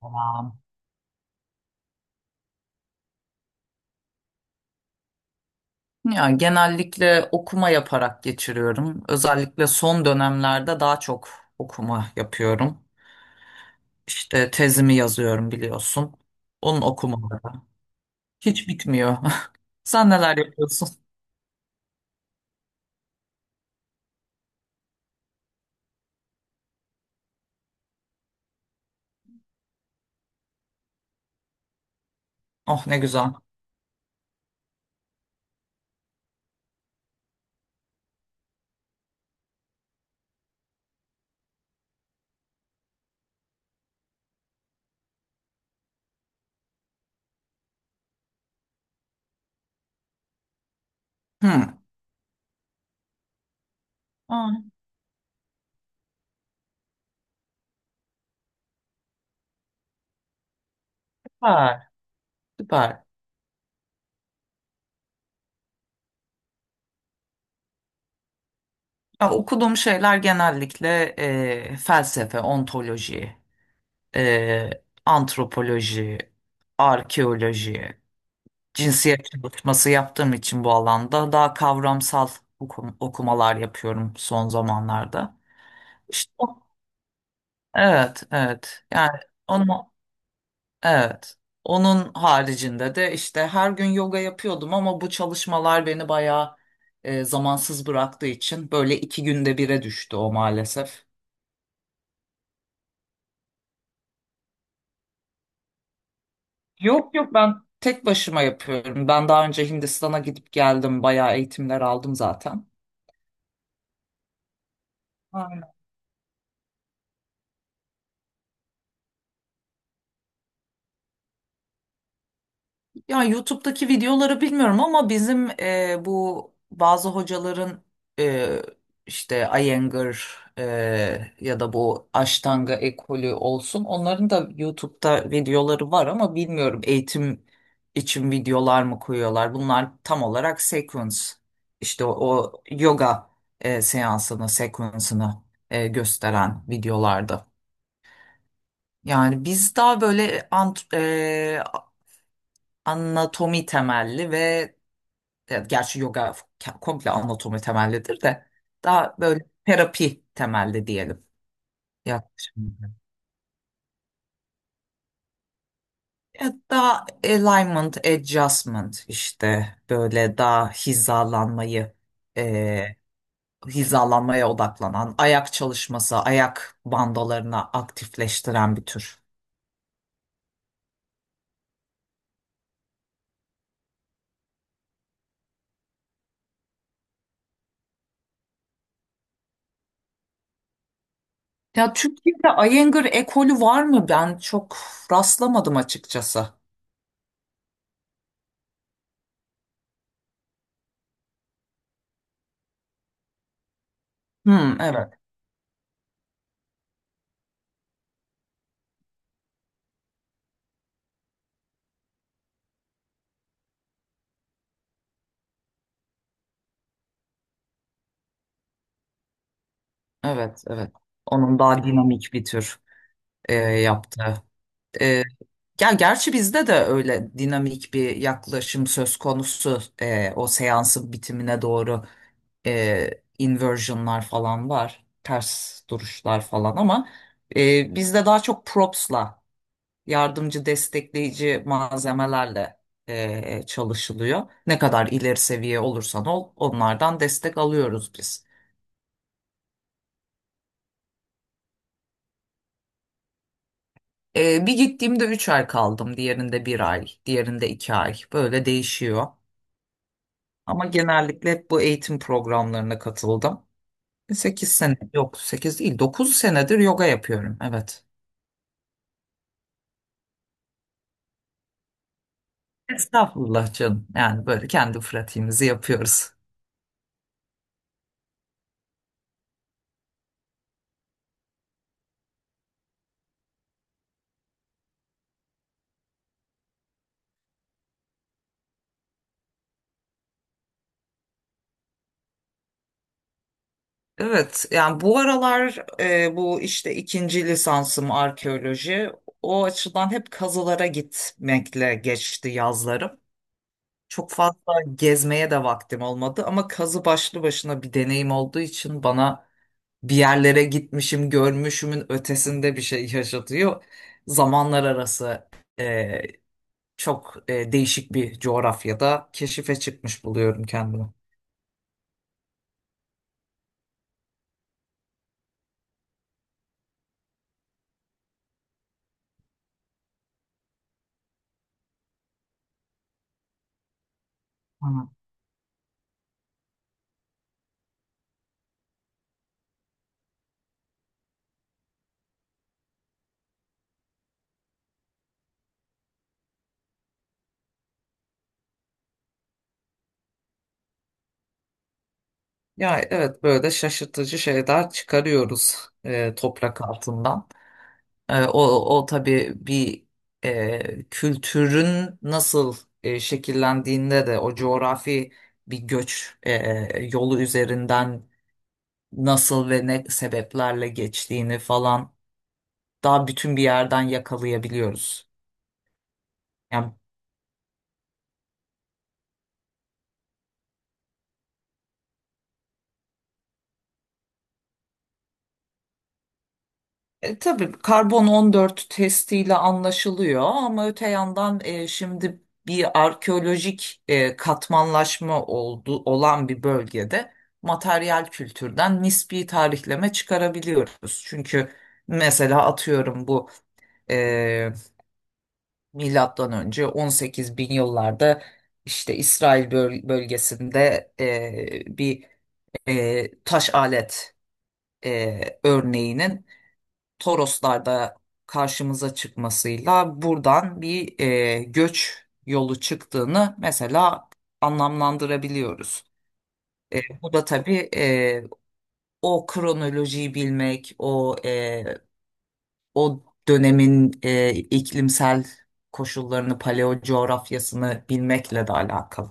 Tamam. Ya genellikle okuma yaparak geçiriyorum. Özellikle son dönemlerde daha çok okuma yapıyorum. İşte tezimi yazıyorum biliyorsun. Onun okumaları hiç bitmiyor. Sen neler yapıyorsun? Oh ne güzel. Hmm. Aa, süper, süper. Ya, okuduğum şeyler genellikle felsefe, ontoloji, e, antropoloji, arkeoloji. Cinsiyet çalışması yaptığım için bu alanda daha kavramsal okumalar yapıyorum son zamanlarda. İşte evet, evet. Yani onu evet. Onun haricinde de işte her gün yoga yapıyordum ama bu çalışmalar beni bayağı zamansız bıraktığı için böyle iki günde bire düştü o maalesef. Yok yok, ben tek başıma yapıyorum. Ben daha önce Hindistan'a gidip geldim. Bayağı eğitimler aldım zaten. Ya YouTube'daki videoları bilmiyorum ama bizim bu bazı hocaların e, işte Iyengar ya da bu Ashtanga ekolü olsun, onların da YouTube'da videoları var ama bilmiyorum eğitim için videolar mı koyuyorlar. Bunlar tam olarak sequence, işte o yoga seansını, sequence'ını gösteren videolarda. Yani biz daha böyle anatomi temelli ve evet, gerçi yoga komple anatomi temellidir de daha böyle terapi temelli diyelim yaklaşım. Evet, daha alignment, adjustment, işte böyle daha e, hizalanmaya odaklanan, ayak çalışması, ayak bandalarına aktifleştiren bir tür. Ya Türkiye'de Iyengar ekolü var mı? Ben çok rastlamadım açıkçası. Hmm, evet, evet, evet. Onun daha dinamik bir tür yaptığı. Ya gerçi bizde de öyle dinamik bir yaklaşım söz konusu. O seansın bitimine doğru e, inversionlar falan var, ters duruşlar falan, ama bizde daha çok propsla, yardımcı destekleyici malzemelerle çalışılıyor. Ne kadar ileri seviye olursan ol, onlardan destek alıyoruz biz. Bir gittiğimde 3 ay kaldım, diğerinde bir ay, diğerinde 2 ay, böyle değişiyor. Ama genellikle hep bu eğitim programlarına katıldım. 8 sene, yok 8 değil, 9 senedir yoga yapıyorum. Evet. Estağfurullah canım. Yani böyle kendi pratiğimizi yapıyoruz. Evet, yani bu aralar bu işte ikinci lisansım arkeoloji. O açıdan hep kazılara gitmekle geçti yazlarım. Çok fazla gezmeye de vaktim olmadı ama kazı başlı başına bir deneyim olduğu için bana bir yerlere gitmişim, görmüşümün ötesinde bir şey yaşatıyor. Zamanlar arası e, çok değişik bir coğrafyada keşife çıkmış buluyorum kendimi. Hı. Ya evet, böyle şaşırtıcı şeyler çıkarıyoruz toprak altından. E, o, o tabii bir kültürün nasıl şekillendiğinde de o coğrafi bir göç yolu üzerinden nasıl ve ne sebeplerle geçtiğini falan daha bütün bir yerden yakalayabiliyoruz. Yani tabii karbon 14 testiyle anlaşılıyor ama öte yandan şimdi bir arkeolojik katmanlaşma olan bir bölgede materyal kültürden nispi tarihleme çıkarabiliyoruz. Çünkü mesela atıyorum bu e, milattan önce 18 bin yıllarda işte İsrail bölgesinde bir taş alet örneğinin Toroslarda karşımıza çıkmasıyla buradan bir göç yolu çıktığını mesela anlamlandırabiliyoruz. Bu da tabii o kronolojiyi bilmek, o dönemin iklimsel koşullarını, paleo coğrafyasını bilmekle de alakalı.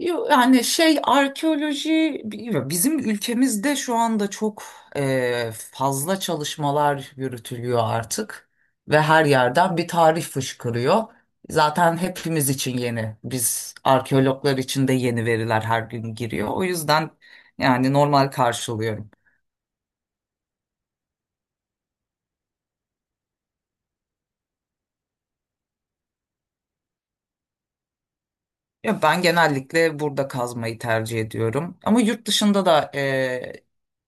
Yo, yani şey, arkeoloji bilmiyorum. Bizim ülkemizde şu anda çok fazla çalışmalar yürütülüyor artık ve her yerden bir tarih fışkırıyor. Zaten hepimiz için yeni. Biz arkeologlar için de yeni veriler her gün giriyor. O yüzden yani normal karşılıyorum. Ya ben genellikle burada kazmayı tercih ediyorum. Ama yurt dışında da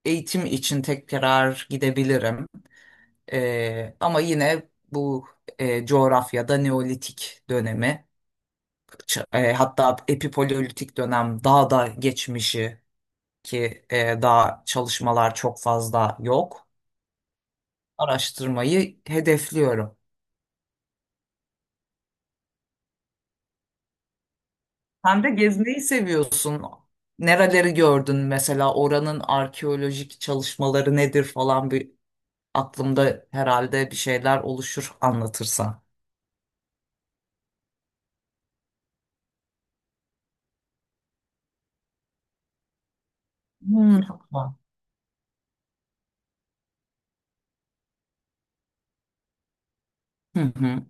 eğitim için tekrar gidebilirim. Ama yine bu coğrafyada Neolitik dönemi, hatta epipaleolitik dönem, daha da geçmişi ki daha çalışmalar çok fazla yok. Araştırmayı hedefliyorum. Sen de gezmeyi seviyorsun. Nereleri gördün mesela, oranın arkeolojik çalışmaları nedir falan, bir aklımda herhalde bir şeyler oluşur anlatırsan. Hmm. Tamam. Hı hı.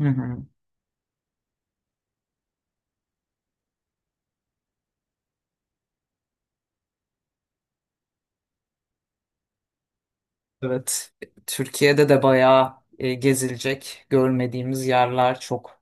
Hı hı. Evet, Türkiye'de de bayağı gezilecek görmediğimiz yerler çok.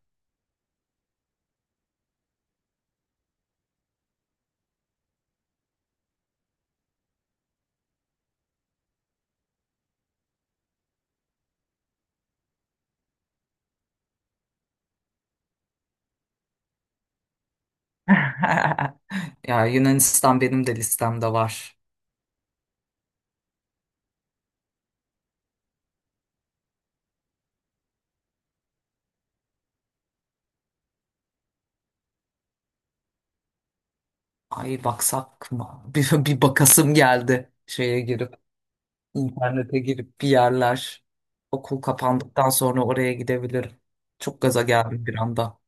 Ya Yunanistan benim de listemde var. Ay baksak mı? Bir bakasım geldi şeye girip, internete girip bir yerler. Okul kapandıktan sonra oraya gidebilirim. Çok gaza geldim bir anda.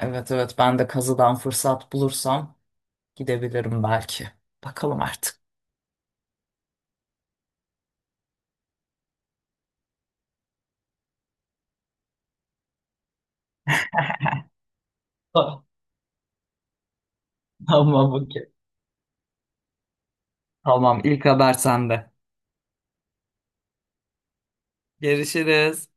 Evet evet, ben de kazıdan fırsat bulursam gidebilirim belki. Bakalım artık. Tamam, okey. Tamam, ilk haber sende. Görüşürüz.